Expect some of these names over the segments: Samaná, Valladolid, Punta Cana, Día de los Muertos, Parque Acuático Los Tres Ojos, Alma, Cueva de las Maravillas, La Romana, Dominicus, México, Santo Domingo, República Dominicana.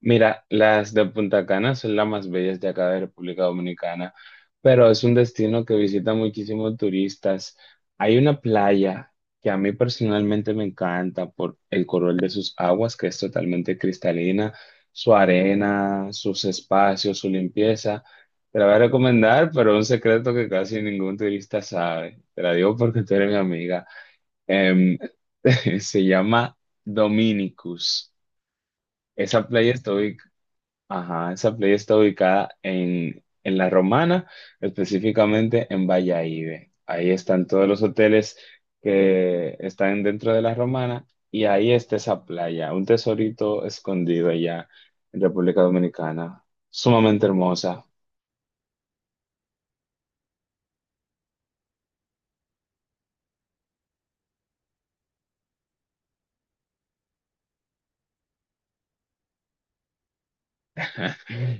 Mira, las de Punta Cana son las más bellas de acá de República Dominicana, pero es un destino que visitan muchísimos turistas. Hay una playa que a mí personalmente me encanta por el color de sus aguas, que es totalmente cristalina, su arena, sus espacios, su limpieza. Te la voy a recomendar, pero un secreto que casi ningún turista sabe. Te la digo porque tú eres mi amiga. Em, Se llama Dominicus. Esa playa está ubicada Ajá, esa playa está ubicada en, La Romana, específicamente en Valladolid. Ahí están todos los hoteles que están dentro de La Romana y ahí está esa playa, un tesorito escondido allá en República Dominicana, sumamente hermosa.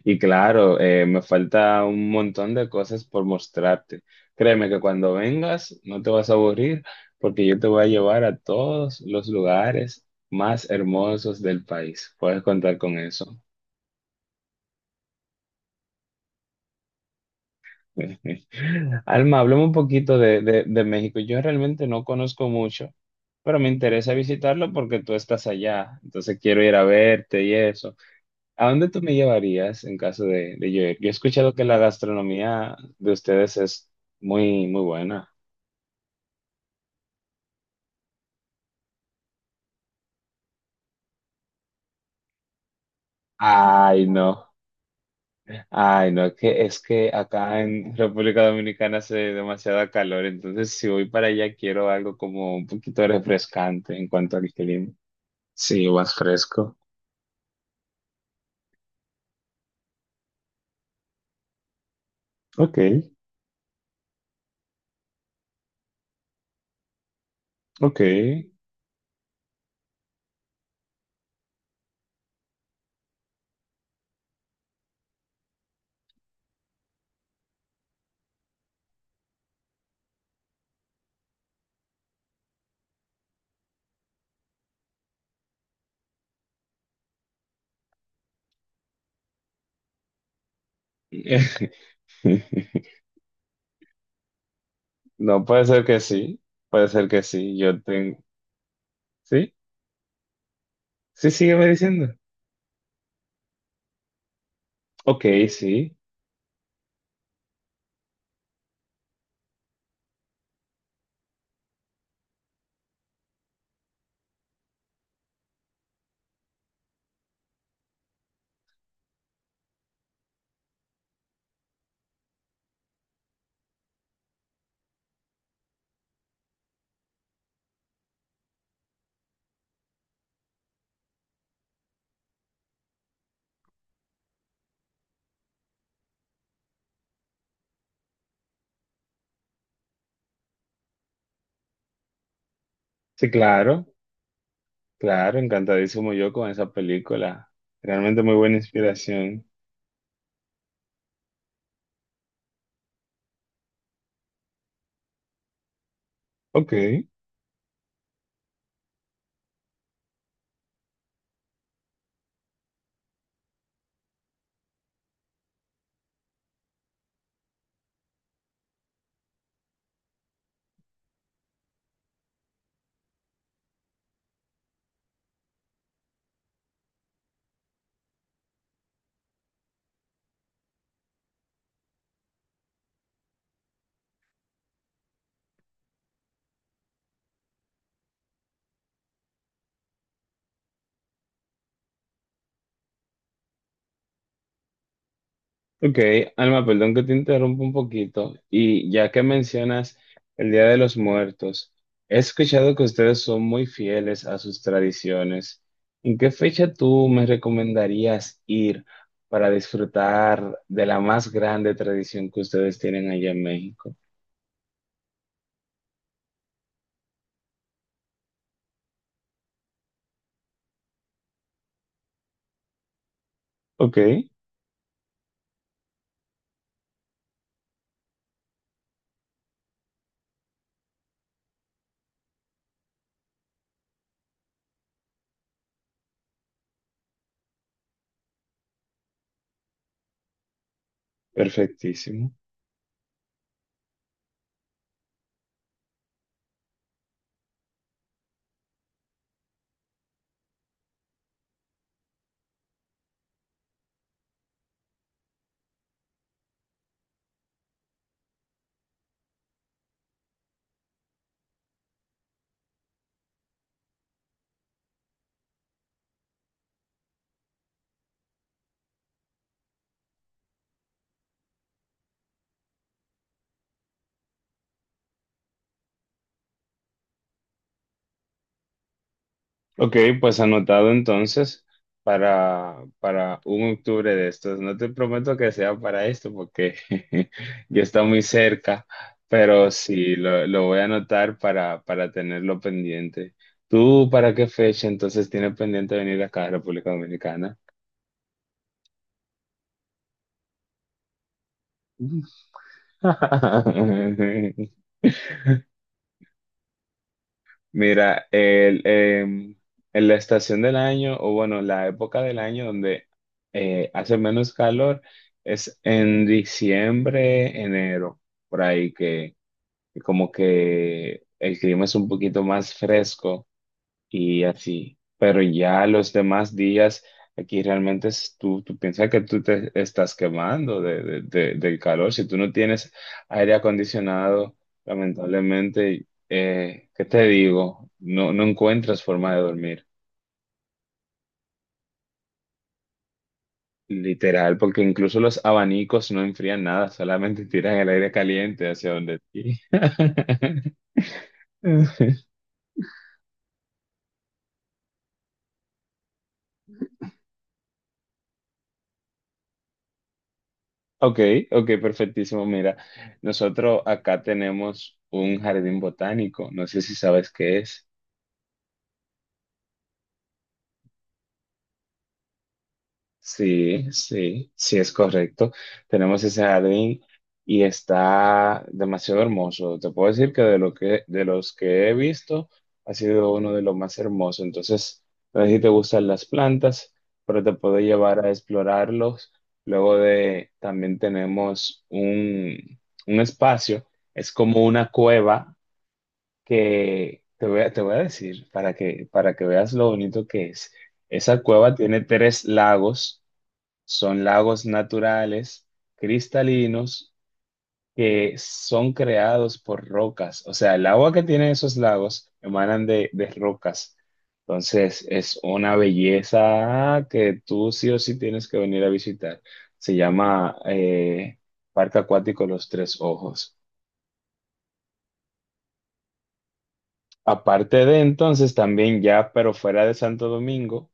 Y claro, me falta un montón de cosas por mostrarte. Créeme que cuando vengas no te vas a aburrir porque yo te voy a llevar a todos los lugares más hermosos del país. Puedes contar con eso. Alma, hablemos un poquito de, de México. Yo realmente no conozco mucho, pero me interesa visitarlo porque tú estás allá. Entonces quiero ir a verte y eso. ¿A dónde tú me llevarías en caso de, yo ir? Yo he escuchado que la gastronomía de ustedes es muy, muy buena. Ay, no. Ay, no, que es que acá en República Dominicana hace demasiada calor, entonces si voy para allá quiero algo como un poquito refrescante en cuanto al clima. Sí, más fresco. Ok, ok. No, puede ser que sí, puede ser que sí. Yo tengo. ¿Sí? Sí, sígueme diciendo. Ok, sí, sí, claro. Claro, encantadísimo yo con esa película. Realmente muy buena inspiración. Ok, ok. Alma, perdón que te interrumpa un poquito. Y ya que mencionas el Día de los Muertos, he escuchado que ustedes son muy fieles a sus tradiciones. ¿En qué fecha tú me recomendarías ir para disfrutar de la más grande tradición que ustedes tienen allá en México? Ok, perfectísimo. Ok, pues anotado entonces para, un octubre de estos. No te prometo que sea para esto porque ya está muy cerca, pero sí, lo, voy a anotar para, tenerlo pendiente. ¿Tú para qué fecha entonces tienes pendiente venir acá a República Dominicana? Mira, en la estación del año, o bueno, la época del año donde hace menos calor es en diciembre, enero, por ahí que, como que el clima es un poquito más fresco y así. Pero ya los demás días, aquí realmente tú, piensas que tú te estás quemando de, del calor. Si tú no tienes aire acondicionado, lamentablemente, ¿qué te digo? No, no encuentras forma de dormir. Literal, porque incluso los abanicos no enfrían nada, solamente tiran el aire caliente hacia donde ti. Ok, ok, perfectísimo. Mira, nosotros acá tenemos un jardín botánico. No sé si sabes qué es. Sí, sí, sí es correcto. Tenemos ese jardín y está demasiado hermoso. Te puedo decir que de lo que, de los que he visto, ha sido uno de los más hermosos. Entonces, no sé si te gustan las plantas, pero te puedo llevar a explorarlos. Luego de, también tenemos un, espacio. Es como una cueva que te voy a decir para que, veas lo bonito que es. Esa cueva tiene tres lagos, son lagos naturales, cristalinos, que son creados por rocas. O sea, el agua que tienen esos lagos emanan de, rocas. Entonces, es una belleza que tú sí o sí tienes que venir a visitar. Se llama Parque Acuático Los Tres Ojos. Aparte de entonces, también ya, pero fuera de Santo Domingo,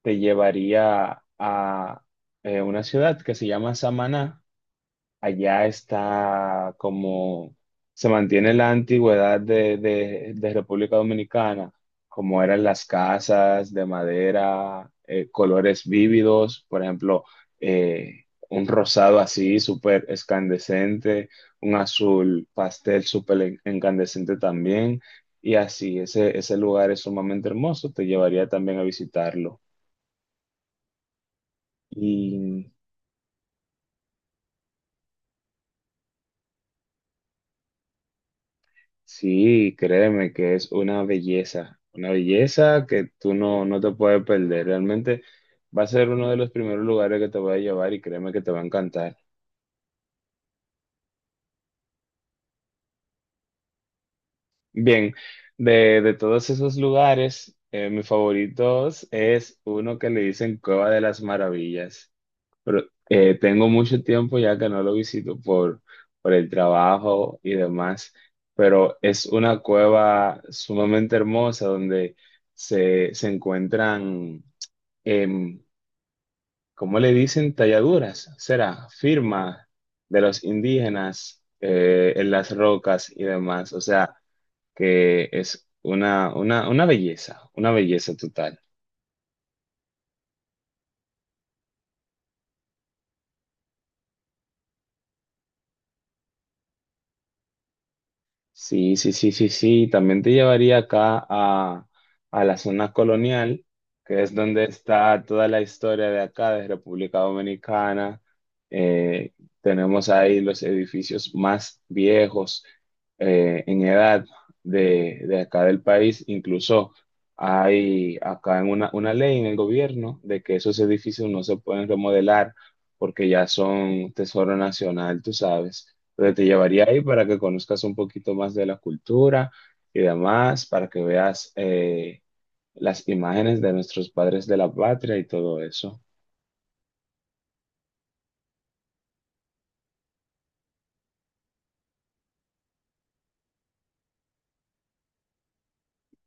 te llevaría a una ciudad que se llama Samaná, allá está como se mantiene la antigüedad de, República Dominicana, como eran las casas de madera, colores vívidos, por ejemplo, eh, un rosado así súper escandescente, un azul pastel súper incandescente también, y así, ese, lugar es sumamente hermoso, te llevaría también a visitarlo. Sí, créeme que es una belleza que tú no, no te puedes perder. Realmente va a ser uno de los primeros lugares que te voy a llevar y créeme que te va a encantar. Bien, de, todos esos lugares, mis favoritos es uno que le dicen Cueva de las Maravillas. Pero tengo mucho tiempo ya que no lo visito por, el trabajo y demás, pero es una cueva sumamente hermosa donde se, encuentran em, ¿cómo le dicen talladuras? Será firma de los indígenas en las rocas y demás. O sea, que es una, belleza, una belleza total. Sí, sí, sí, sí, sí. También te llevaría acá a, la zona colonial, que es donde está toda la historia de acá, de República Dominicana. Eh, Tenemos ahí los edificios más viejos en edad de, acá del país. Incluso hay acá en una, ley en el gobierno de que esos edificios no se pueden remodelar porque ya son tesoro nacional, tú sabes, donde te llevaría ahí para que conozcas un poquito más de la cultura y demás, para que veas las imágenes de nuestros padres de la patria y todo eso.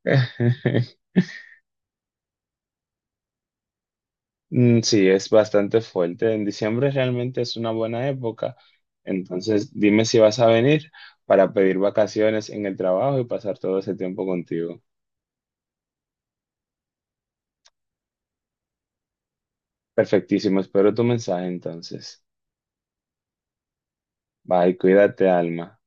Mm, sí, es bastante fuerte. En diciembre realmente es una buena época. Entonces, dime si vas a venir para pedir vacaciones en el trabajo y pasar todo ese tiempo contigo. Perfectísimo. Espero tu mensaje entonces. Bye, cuídate, Alma.